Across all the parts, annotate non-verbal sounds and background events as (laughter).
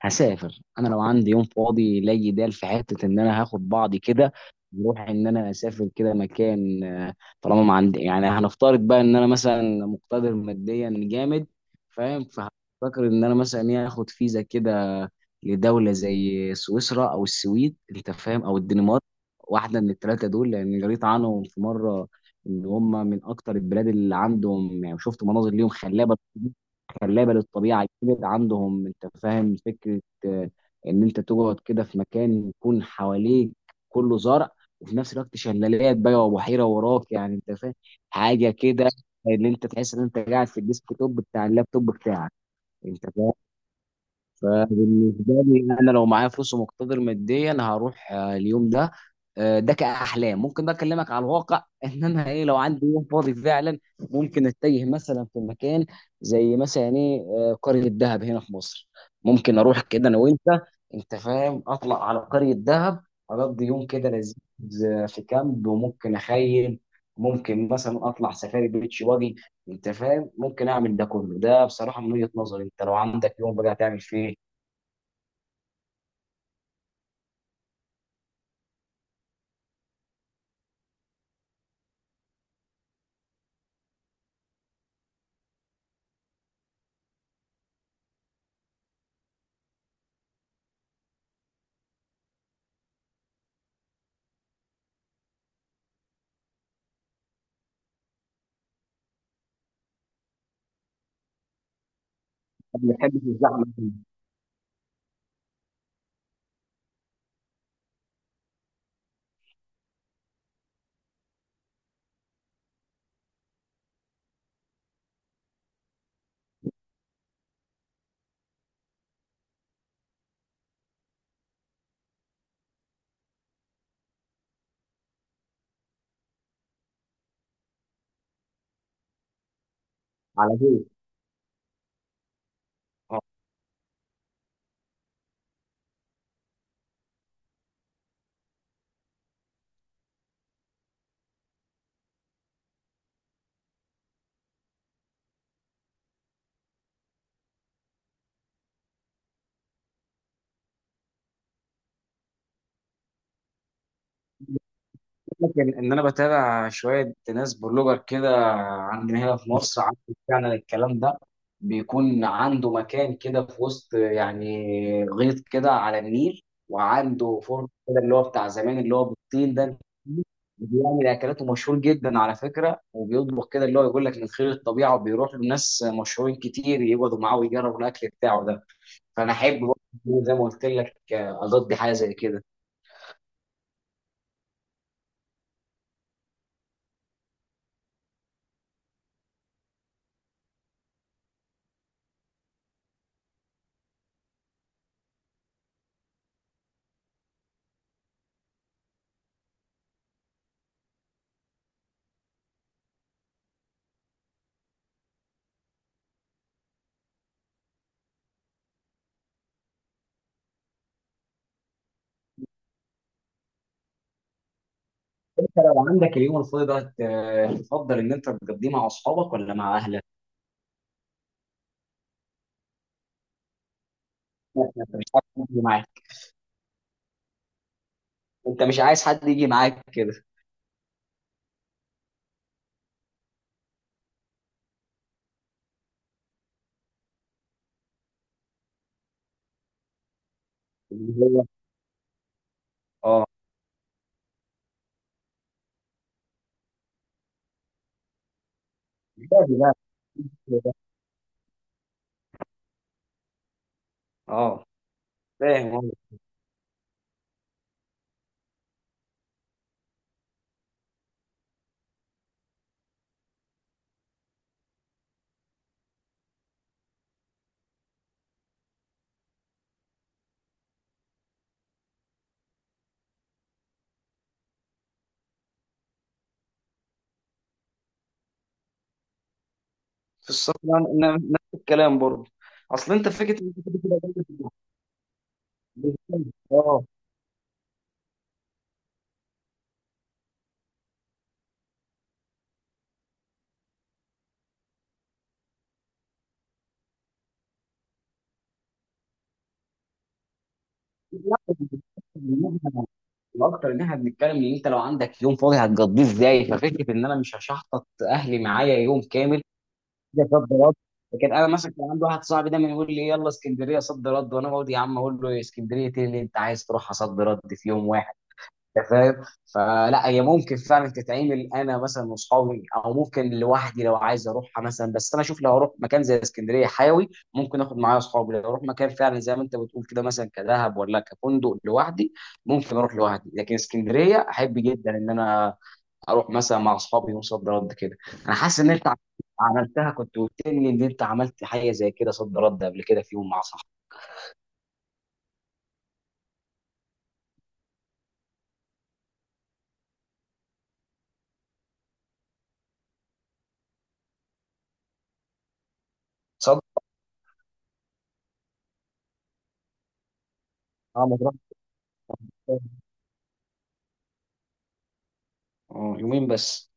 هسافر انا لو عندي يوم فاضي لا يدال في حته ان انا هاخد بعضي كده. نروح ان انا اسافر كده مكان، طالما ما عندي، يعني هنفترض بقى ان انا مثلا مقتدر ماديا جامد. فاهم؟ فهفكر ان انا مثلا ايه، هاخد فيزا كده لدوله زي سويسرا او السويد، انت فاهم، او الدنمارك. واحده من 3 دول لان قريت عنهم في مره ان هم من اكتر البلاد اللي عندهم، يعني شفت مناظر ليهم خلابه. خلابه للطبيعه يبعد عندهم، انت فاهم فكره. آه، ان انت تقعد كده في مكان يكون حواليك كله زرع، وفي نفس الوقت شلالات بقى وبحيره وراك، يعني انت فاهم. حاجه كده، ان انت تحس ان انت قاعد في الديسك توب بتاع اللابتوب بتاعك، انت فاهم. فبالنسبه لي انا لو معايا فلوس ومقتدر ماديا، انا هروح اليوم ده. ده كاحلام. ممكن بقى اكلمك على الواقع (laughs) ان انا ايه، لو عندي يوم فاضي فعلا، ممكن اتجه مثلا في مكان زي مثلا ايه، قريه دهب هنا في مصر. ممكن اروح كده انا وانت، انت فاهم، اطلع على قريه دهب، اقضي يوم كده لذيذ، في كامب وممكن اخيم. ممكن مثلا اطلع سفاري بيتش واجي، انت فاهم. ممكن اعمل ده كله. ده بصراحه من وجهه نظري. انت لو عندك يوم بقى هتعمل فيه إيه؟ ما بحبش الزحمه دي. على طول. اه. لكن ان انا بتابع شويه ناس بلوجر كده عندنا هنا في مصر، عارف، فعلا الكلام ده. بيكون عنده مكان كده في وسط، يعني غيط كده على النيل، وعنده فرن كده اللي هو بتاع زمان، اللي هو بالطين ده. بيعمل اكلاته مشهور جدا على فكره، وبيطبخ كده اللي هو يقول لك من خير الطبيعه، وبيروح لناس مشهورين كتير يقعدوا معاه ويجربوا الاكل بتاعه ده. فانا احب برضه، زي ما قلت لك، اضدي حاجه زي كده. عندك اليوم الفاضي ده، تفضل ان انت تقضيه مع اصحابك ولا مع اهلك؟ لا، انت مش عايز حد يجي معاك. انت مش عايز حد يجي معاك كده. اللي هو. اه. فاهم بقى كده. اه. فاهم والله. في السفر نفس الكلام برضه. اصل انت فكره إن أنت كده كده برضه بتتكلم. اه. فكرة إن الاكتر ان احنا بنتكلم ان انت لو عندك يوم فاضي هتقضيه ازاي، ففكره ان انا مش هشحطط اهلي معايا يوم كامل. ده صد رد. لكن انا مثلا كان عندي واحد صاحبي دايما يقول لي يلا اسكندريه صد رد، وانا بقعد يا عم اقول له إيه، اسكندريه؟ ايه اللي انت عايز تروحها صد رد في يوم واحد؟ انت فاهم؟ فلا، هي ممكن فعلا تتعمل، انا مثلا واصحابي، او ممكن لوحدي لو عايز اروحها مثلا. بس انا اشوف لو اروح مكان زي اسكندريه حيوي، ممكن اخد معايا اصحابي. لو اروح مكان فعلا زي ما انت بتقول كده، مثلا كدهب ولا كفندق لوحدي، ممكن اروح لوحدي. لكن اسكندريه احب جدا ان انا اروح مثلا مع اصحابي نوصل صد رد كده. انا حاسس ان انت عملتها. كنت قلت لي ان انت عملت حاجه زي كده صد رد قبل كده في يوم مع صاحبك. صد اه، ما تروحش تاني. يومين بس.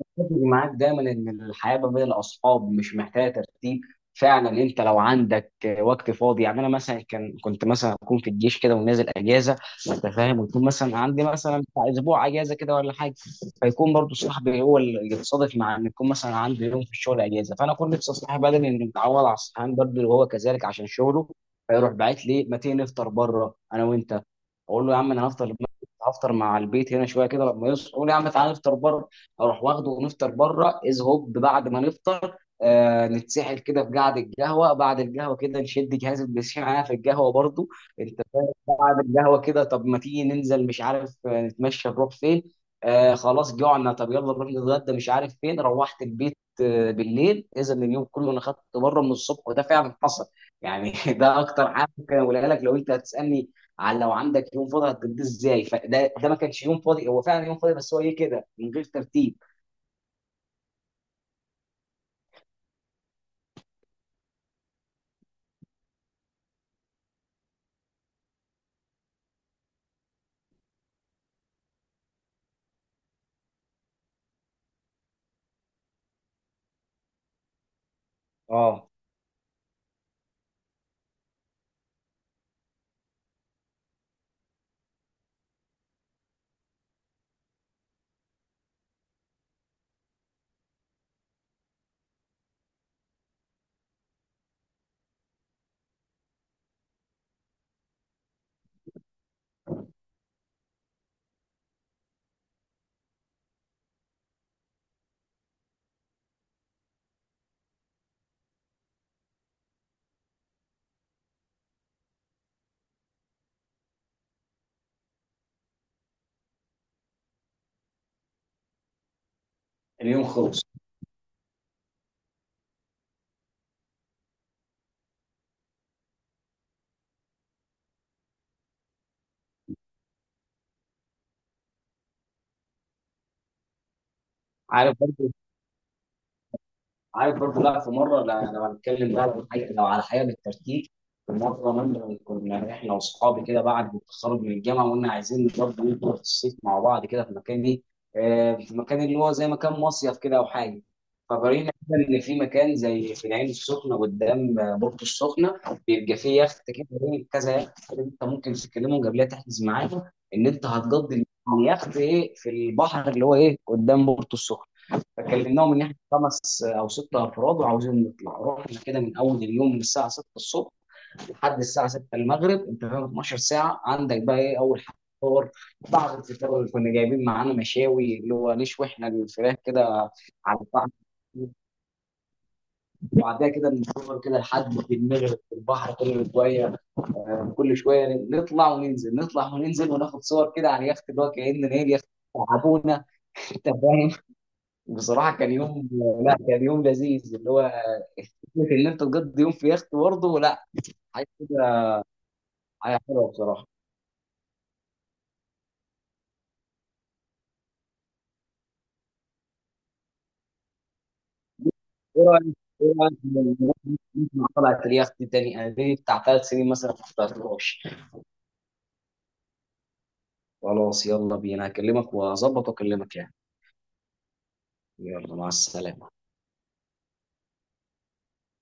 اتفق معاك دايما ان الحياه ما بين الاصحاب مش محتاجه ترتيب، فعلا. انت لو عندك وقت فاضي، يعني انا مثلا كنت مثلا اكون في الجيش كده ونازل اجازه، انت فاهم، ويكون مثلا عندي مثلا بتاع اسبوع اجازه كده ولا حاجه. فيكون برضو صاحبي هو اللي يتصادف مع ان يكون مثلا عندي يوم في الشغل اجازه. فانا كنت نفسي صاحبي، بدل انه متعود على الصحيان بدري وهو كذلك عشان شغله، فيروح باعت لي ما تيجي نفطر بره انا وانت. اقول له يا عم انا هفطر. هفطر مع البيت هنا شويه كده، لما يصحوا يقول لي يا عم تعالى نفطر بره. اروح واخده ونفطر بره از هوب. بعد ما نفطر آه، نتسحل كده في قعده القهوه. بعد القهوه كده نشد جهاز البلاي ستيشن معايا في القهوه برضو، انت فاهم. بعد القهوه كده طب ما تيجي ننزل، مش عارف، نتمشى. نروح فين؟ آه، خلاص جوعنا. طب يلا نروح نتغدى، مش عارف فين. روحت البيت بالليل. اذا اليوم كله انا خدت بره من الصبح، وده فعلا حصل يعني. (laughs) ده اكتر حاجه ممكن اقولها لك لو انت هتسالني على لو عندك يوم فاضي هتقضيه ازاي. فده ما كانش يوم فاضي، هو فعلا يوم فاضي، بس هو ايه كده من غير ترتيب. اه. اليوم خلص. عارف برضو عارف برضو. لا، في مره، لا، لو هنتكلم بقى عن حاجه، لو على حاجه بالترتيب. في مره مثلا كنا احنا واصحابي كده بعد التخرج من الجامعه، وقلنا عايزين برضو نطلع في الصيف مع بعض كده في مكان ايه، في مكان اللي هو زي مكان مصيف كده او حاجه. فقرينا كده ان في مكان زي في العين السخنه قدام، بورتو السخنه، بيبقى فيه يخت كده. كذا يخت كده، انت ممكن تكلمهم قبلها تحجز معاهم ان انت هتقضي اليخت ايه في البحر، اللي هو ايه قدام بورتو السخنه. فكلمناهم ان احنا 5 أو 6 افراد وعاوزين نطلع. رحنا كده من اول اليوم من الساعه 6 الصبح لحد الساعه 6 المغرب. انت فاهم؟ 12 ساعه. عندك بقى ايه اول حاجه؟ فطار. بعد الفطار اللي كنا جايبين معانا مشاوي، اللي هو نشوي احنا الفراخ كده على الفحم، وبعدها كده بنتصور كده لحد في المغرب في البحر. كل شويه، كل شويه نطلع وننزل، نطلع وننزل، وناخد صور كده على اليخت، اللي هو كأن ايه، اليخت تعبونا، انت فاهم. بصراحة كان يوم، لا، كان يوم لذيذ. اللي هو فكرة إن أنت تقضي يوم في يخت برضه، لا، حاجة كده، حاجة حلوة بصراحة. إيه رأيك؟ إيه رأيك نروح نسمع طلعة اليخت تاني؟ أنا دي بتاع 3 سنين مثلا ما طلعتهاش. خلاص يلا بينا. هكلمك وأظبط وأكلمك يعني. يلا مع السلامة.